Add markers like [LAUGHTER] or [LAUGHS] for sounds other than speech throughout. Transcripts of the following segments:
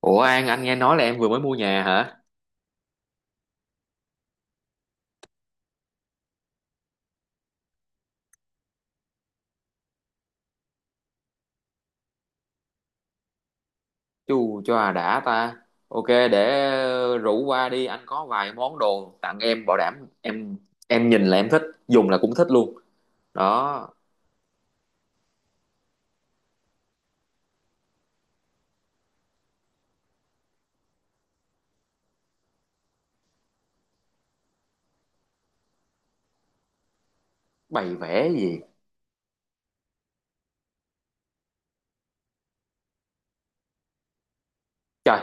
Ủa An, anh nghe nói là em vừa mới mua nhà hả? Chu cho à đã ta. Ok, để rủ qua đi, anh có vài món đồ tặng em bảo đảm em nhìn là em thích, dùng là cũng thích luôn. Đó, bày vẽ gì? Trời,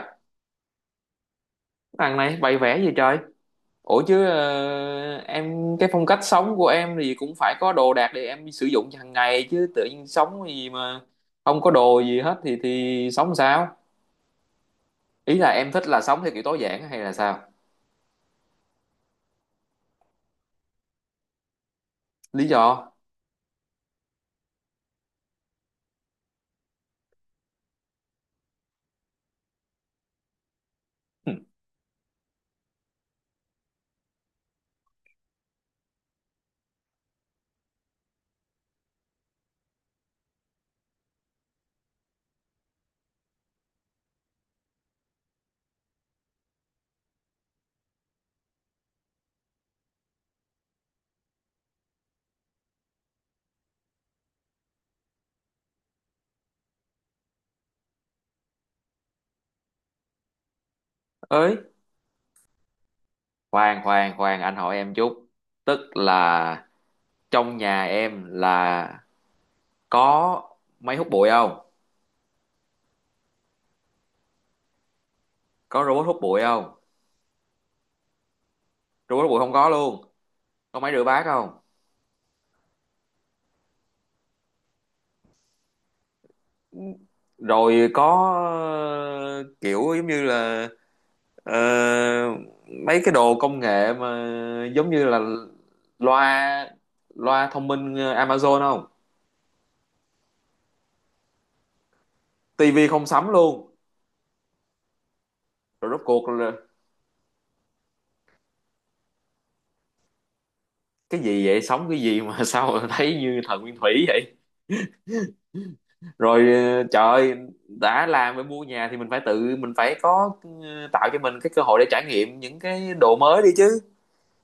thằng này bày vẽ gì trời? Ủa chứ em cái phong cách sống của em thì cũng phải có đồ đạc để em sử dụng hàng ngày chứ tự nhiên sống gì mà không có đồ gì hết thì sống sao? Ý là em thích là sống theo kiểu tối giản hay là sao? Lý do? [LAUGHS] Ừ. Ấy, khoan khoan khoan, anh hỏi em chút, tức là trong nhà em là có máy hút bụi không? Có robot hút bụi không? Robot hút bụi không có luôn? Có máy rửa bát không? Rồi có ờ, kiểu giống như là ờ, mấy cái đồ công nghệ mà giống như là loa loa thông minh Amazon không? Tivi không sắm luôn? Rồi rốt cuộc là cái gì vậy, sống cái gì mà [LAUGHS] sao thấy như thần nguyên thủy vậy? Rồi trời ơi, đã làm với mua nhà thì mình phải tự mình phải có tạo cho mình cái cơ hội để trải nghiệm những cái đồ mới đi chứ.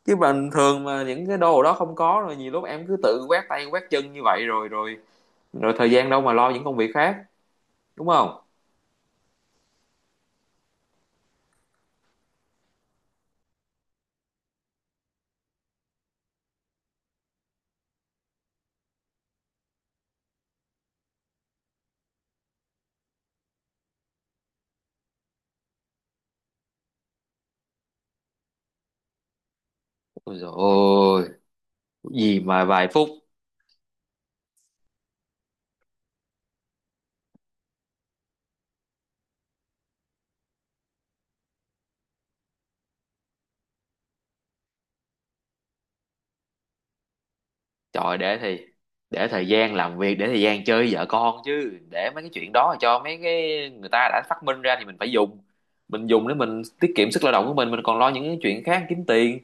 Chứ bình thường mà những cái đồ đó không có rồi nhiều lúc em cứ tự quét tay quét chân như vậy rồi rồi rồi thời gian đâu mà lo những công việc khác, đúng không? Ôi dồi ôi, gì mà vài phút. Trời, để thời gian làm việc, để thời gian chơi với vợ con chứ. Để mấy cái chuyện đó cho mấy cái người ta đã phát minh ra thì mình phải dùng. Mình dùng để mình tiết kiệm sức lao động của mình còn lo những cái chuyện khác kiếm tiền.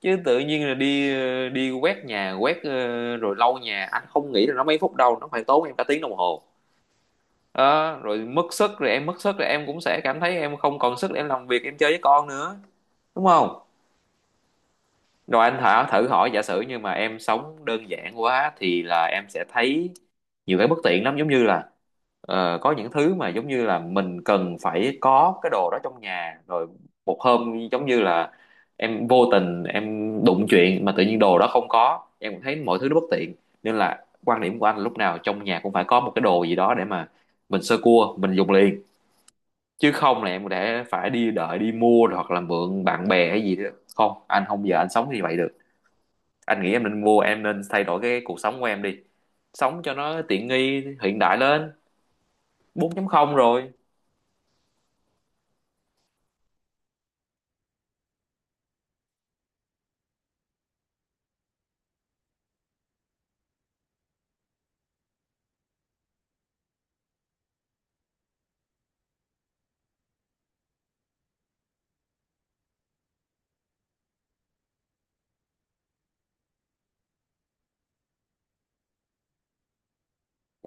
Chứ tự nhiên là đi đi quét nhà quét rồi lau nhà, anh không nghĩ là nó mấy phút đâu, nó phải tốn em cả tiếng đồng hồ đó, rồi mất sức, rồi em mất sức rồi em cũng sẽ cảm thấy em không còn sức để em làm việc, em chơi với con nữa, đúng không? Rồi anh thử thử hỏi giả sử như mà em sống đơn giản quá thì là em sẽ thấy nhiều cái bất tiện lắm, giống như là có những thứ mà giống như là mình cần phải có cái đồ đó trong nhà, rồi một hôm giống như là em vô tình em đụng chuyện mà tự nhiên đồ đó không có, em cũng thấy mọi thứ nó bất tiện. Nên là quan điểm của anh lúc nào trong nhà cũng phải có một cái đồ gì đó để mà mình sơ cua mình dùng liền, chứ không là em để phải đi đợi đi mua rồi, hoặc là mượn bạn bè hay gì đó. Không, anh không giờ anh sống như vậy được. Anh nghĩ em nên mua, em nên thay đổi cái cuộc sống của em đi, sống cho nó tiện nghi hiện đại lên, 4.0 rồi.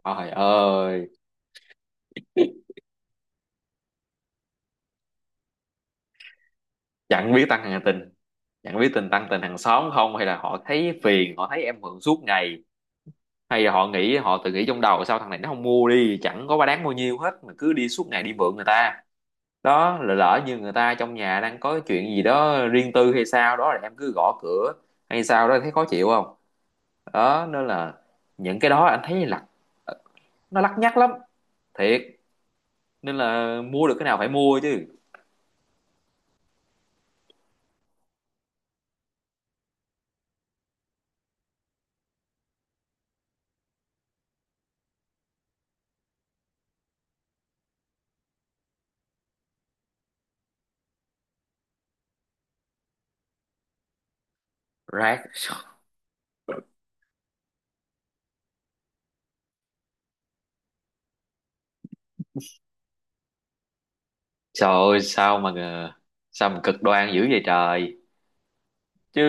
Trời ơi, chẳng biết tăng hàng tình, chẳng biết tình tăng tình hàng xóm không, hay là họ thấy phiền, họ thấy em mượn suốt ngày, hay là họ nghĩ họ tự nghĩ trong đầu sao thằng này nó không mua đi, chẳng có ba đáng bao nhiêu hết mà cứ đi suốt ngày đi mượn người ta. Đó là lỡ như người ta trong nhà đang có chuyện gì đó riêng tư hay sao đó là em cứ gõ cửa hay sao đó, thấy khó chịu không? Đó nên là những cái đó anh thấy là ờ, nó lắt nhắt lắm, thiệt. Nên là mua được cái nào phải mua chứ. Rác. Trời ơi, sao mà sao mà cực đoan dữ vậy trời? Chứ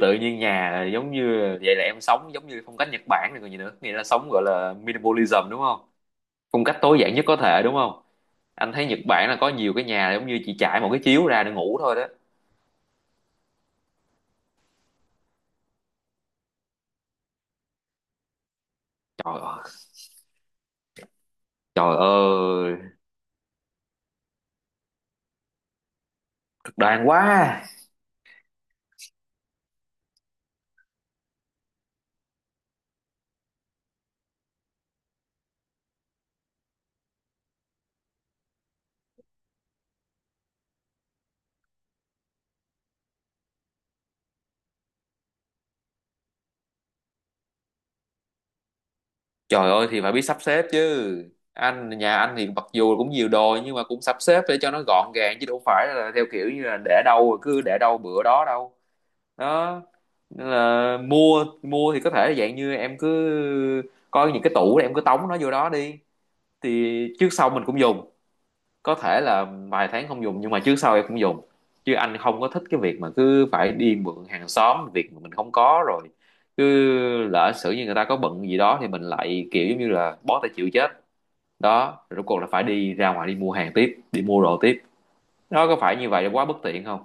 tự nhiên nhà là giống như vậy là em sống giống như phong cách Nhật Bản này còn gì nữa, nghĩa là sống gọi là minimalism, đúng không? Phong cách tối giản nhất có thể, đúng không? Anh thấy Nhật Bản là có nhiều cái nhà giống như chỉ trải một cái chiếu ra để ngủ thôi đó. Trời ơi. Trời ơi, cực đoan quá. Trời ơi thì phải biết sắp xếp chứ. Nhà anh thì mặc dù cũng nhiều đồ nhưng mà cũng sắp xếp để cho nó gọn gàng, chứ đâu phải là theo kiểu như là để đâu rồi cứ để đâu bữa đó đâu. Đó. Nên là mua mua thì có thể là dạng như em cứ coi những cái tủ để em cứ tống nó vô đó đi, thì trước sau mình cũng dùng, có thể là vài tháng không dùng nhưng mà trước sau em cũng dùng. Chứ anh không có thích cái việc mà cứ phải đi mượn hàng xóm, việc mà mình không có rồi cứ lỡ xử như người ta có bận gì đó thì mình lại kiểu giống như là bó tay chịu chết. Đó, rồi rốt cuộc là phải đi ra ngoài đi mua hàng tiếp, đi mua đồ tiếp. Nó có phải như vậy là quá bất tiện không?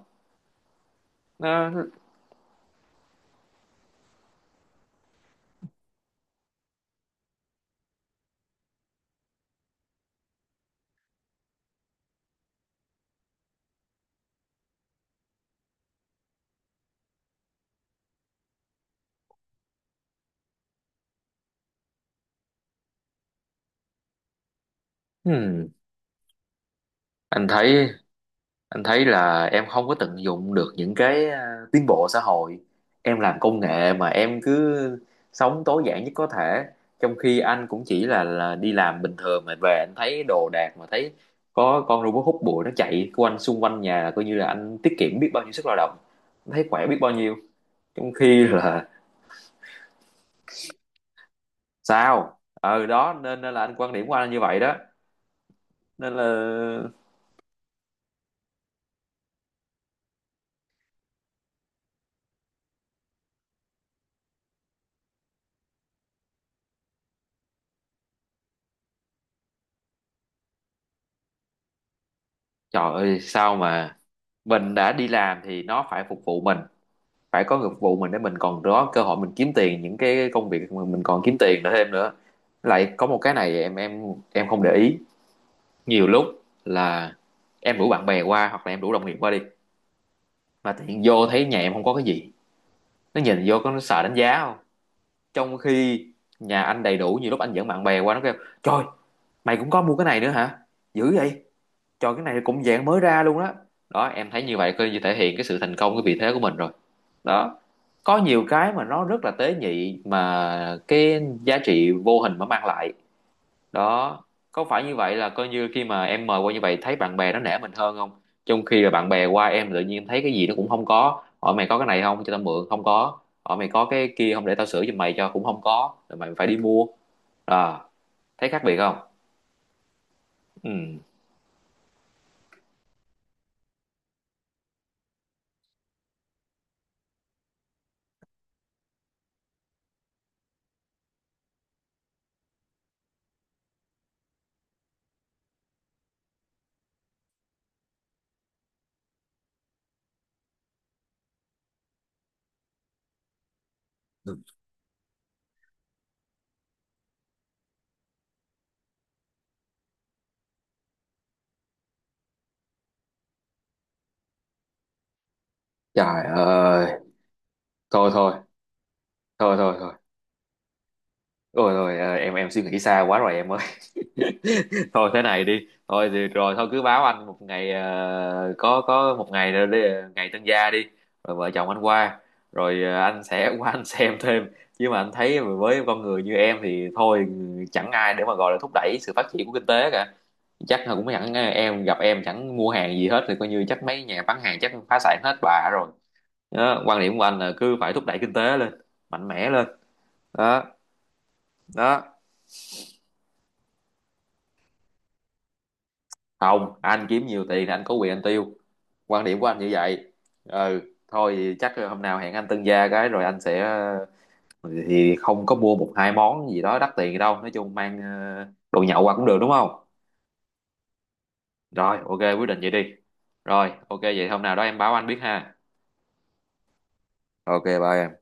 Nó, hmm, anh thấy anh thấy là em không có tận dụng được những cái tiến bộ xã hội. Em làm công nghệ mà em cứ sống tối giản nhất có thể, trong khi anh cũng chỉ là đi làm bình thường mà về anh thấy đồ đạc mà thấy có con robot hút bụi nó chạy quanh xung quanh nhà là coi như là anh tiết kiệm biết bao nhiêu sức lao động, anh thấy khỏe biết bao nhiêu. Trong khi là sao, ừ đó nên nên là anh, quan điểm của anh là như vậy đó. Nên là trời ơi sao mà mình đã đi làm thì nó phải phục vụ mình, phải có nghiệp vụ mình để mình còn có cơ hội mình kiếm tiền, những cái công việc mà mình còn kiếm tiền nữa thêm nữa. Lại có một cái này em em không để ý nhiều lúc, là em rủ bạn bè qua hoặc là em rủ đồng nghiệp qua đi mà tự nhiên vô thấy nhà em không có cái gì, nó nhìn vô có nó sợ đánh giá không? Trong khi nhà anh đầy đủ, nhiều lúc anh dẫn bạn bè qua, nó kêu trời, mày cũng có mua cái này nữa hả, dữ vậy. Trời, cái này cũng dạng mới ra luôn đó. Đó, em thấy như vậy coi như thể hiện cái sự thành công, cái vị thế của mình rồi. Đó. Có nhiều cái mà nó rất là tế nhị mà cái giá trị vô hình mà mang lại. Đó. Có phải như vậy là coi như khi mà em mời qua như vậy thấy bạn bè nó nể mình hơn không? Trong khi là bạn bè qua em tự nhiên em thấy cái gì nó cũng không có. Hỏi mày có cái này không cho tao mượn, không có. Hỏi mày có cái kia không để tao sửa cho mày cho, cũng không có. Rồi mày phải đi mua. À, thấy khác biệt không? Ừ. Trời ơi, thôi thôi, thôi thôi thôi. Rồi rồi em suy nghĩ xa quá rồi em ơi. [LAUGHS] Thôi thế này đi. Thôi thì rồi thôi cứ báo anh một ngày có một ngày rồi đi, ngày tân gia đi. Rồi vợ chồng anh qua. Rồi anh sẽ [LAUGHS] qua anh xem thêm. Chứ mà anh thấy với con người như em thì thôi, chẳng ai để mà gọi là thúc đẩy sự phát triển của kinh tế cả. Chắc là cũng chẳng em gặp em chẳng mua hàng gì hết thì coi như chắc mấy nhà bán hàng chắc phá sản hết bà rồi. Đó, quan điểm của anh là cứ phải thúc đẩy kinh tế lên, mạnh mẽ lên. Đó, đó. Không, anh kiếm nhiều tiền thì anh có quyền anh tiêu, quan điểm của anh như vậy. Ừ. Thôi thì chắc hôm nào hẹn anh tân gia cái rồi anh sẽ ờ, thì không có mua một hai món gì đó đắt tiền đâu, nói chung mang đồ nhậu qua cũng được, đúng không? Rồi ok, quyết định vậy đi. Rồi ok, vậy hôm nào đó em báo anh biết ha. Ok, bye em.